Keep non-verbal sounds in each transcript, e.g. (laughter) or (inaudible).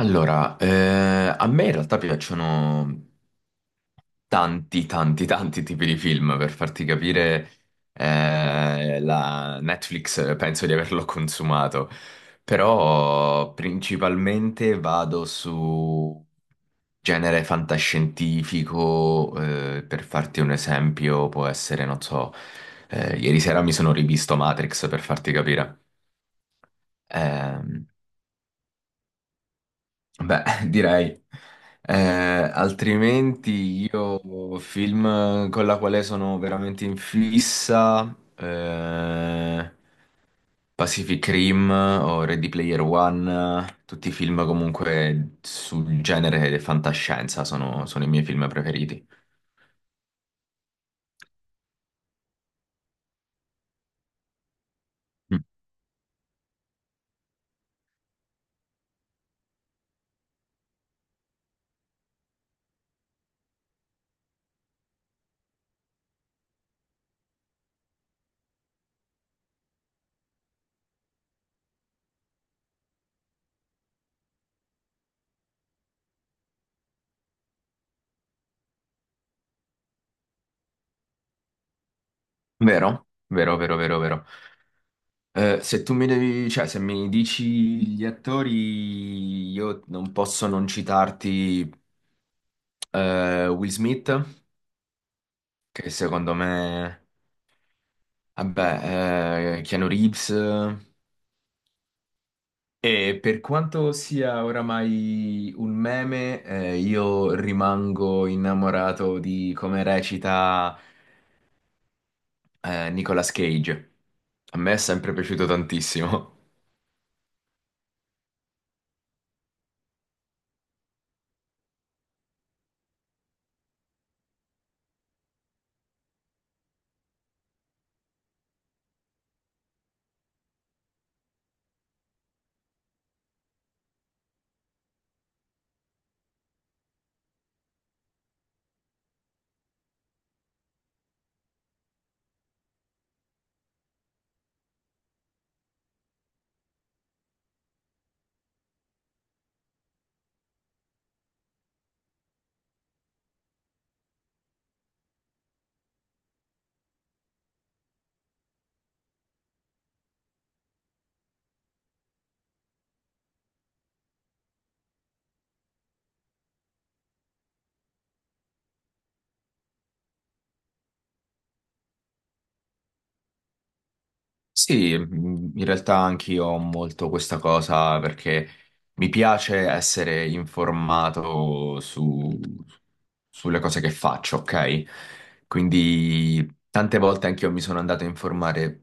Allora, a me in realtà piacciono (laughs) tanti tipi di film, per farti capire, la Netflix penso di averlo (laughs) consumato, però principalmente vado su genere fantascientifico, per farti un esempio, può essere, non so, ieri sera mi sono rivisto Matrix, per farti capire. Ehm, Beh, (laughs) direi. Eh, Altrimenti io film con la quale sono veramente in fissa, Pacific Rim o Ready Player One, tutti i film comunque sul genere di fantascienza sono i miei film preferiti. Mm. Vero? Vero, vero, vero, vero. Se tu mi devi, cioè, se mi dici gli attori, io non posso non citarti Will Smith. Che secondo me, vabbè, Keanu Reeves. E per quanto sia oramai un meme, io rimango innamorato di come recita, Nicolas Cage. A me è sempre piaciuto tantissimo. Sì, in realtà anch'io ho molto questa cosa perché mi piace essere informato su, sulle cose che faccio, ok? Quindi tante volte anch'io mi sono andato a informare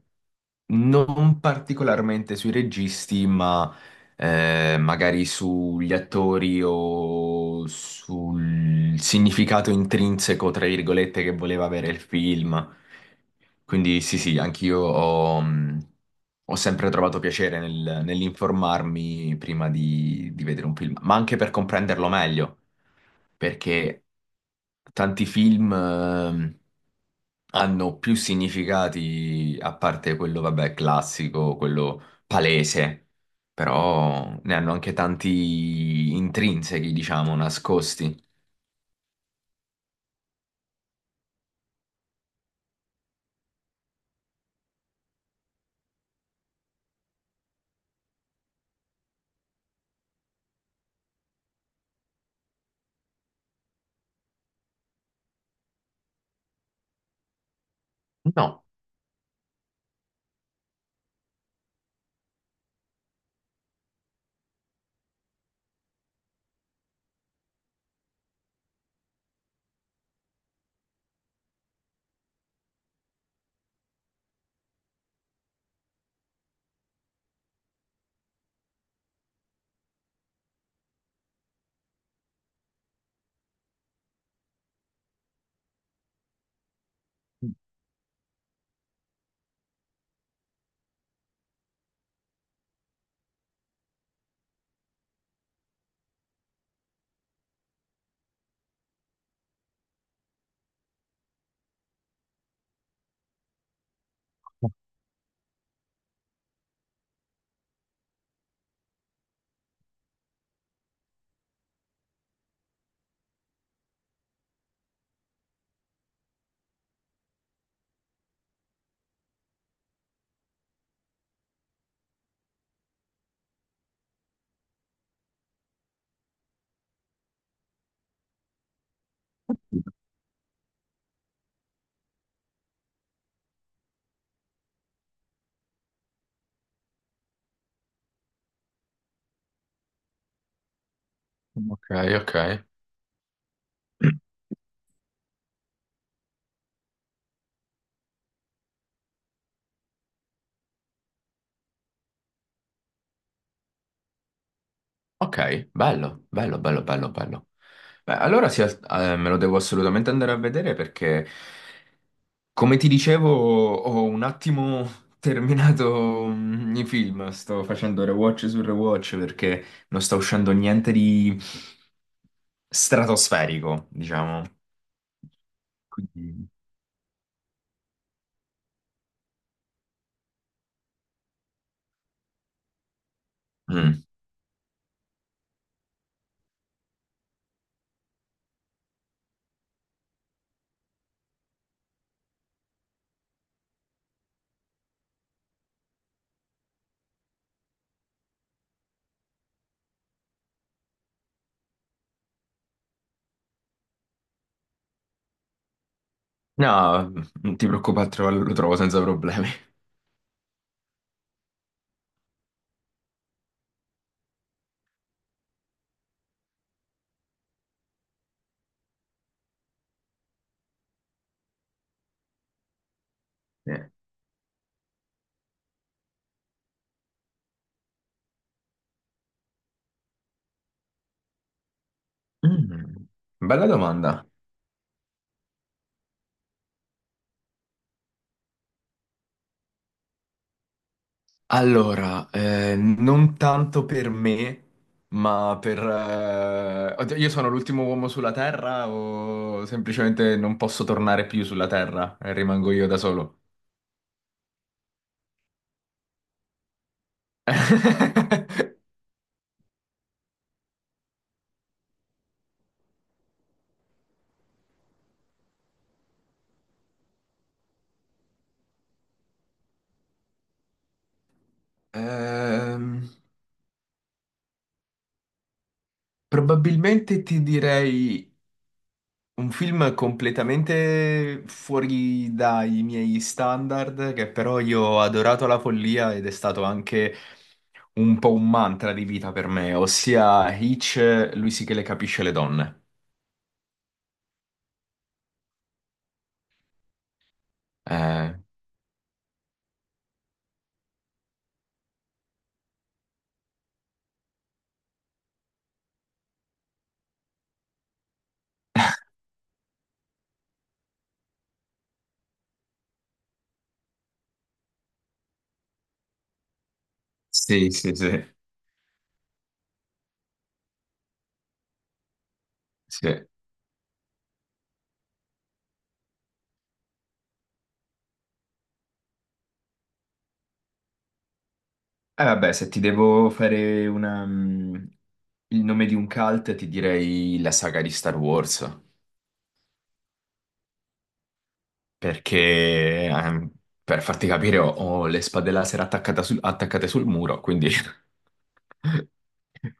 non particolarmente sui registi, ma magari sugli attori o sul significato intrinseco, tra virgolette, che voleva avere il film. Quindi sì, sì, anch'io ho, ho sempre trovato piacere nell'informarmi prima di vedere un film, ma anche per comprenderlo meglio perché tanti film hanno più significati, a parte quello, vabbè, classico, quello palese, però ne hanno anche tanti intrinsechi, diciamo, nascosti. No. Ok, ok. Ok, bello, bello, bello, bello, bello. Beh, allora sì, me lo devo assolutamente andare a vedere perché come ti dicevo, ho un attimo terminato i film, sto facendo rewatch su rewatch perché non sta uscendo niente di stratosferico, diciamo. Quindi- Mm. No, non ti preoccupare, lo trovo senza problemi. Sì. Mm. Bella domanda. Allora, non tanto per me, ma per... oddio, io sono l'ultimo uomo sulla Terra o semplicemente non posso tornare più sulla Terra e rimango io da solo? (laughs) Ehm, Probabilmente ti direi un film completamente fuori dai miei standard, che però io ho adorato alla follia ed è stato anche un po' un mantra di vita per me, ossia Hitch, lui sì che le capisce le donne. Eh, sì, sì, sì, sì. Eh vabbè, se ti devo fare una, mm, il nome di un cult, ti direi la saga di Star Wars. Perché per farti capire ho, ho le spade laser attaccate sul muro, quindi... (laughs)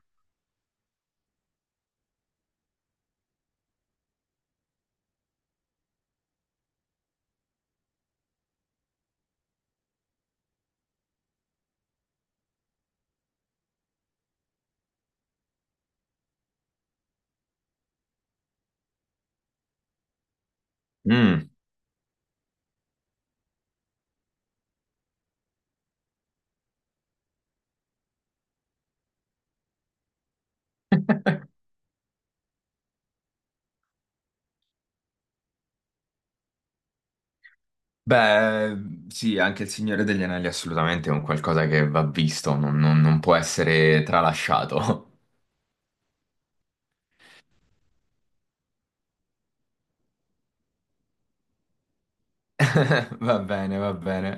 Mm. Beh, sì, anche il Signore degli Anelli assolutamente è un qualcosa che va visto, non può essere tralasciato. (laughs) Va bene, va bene.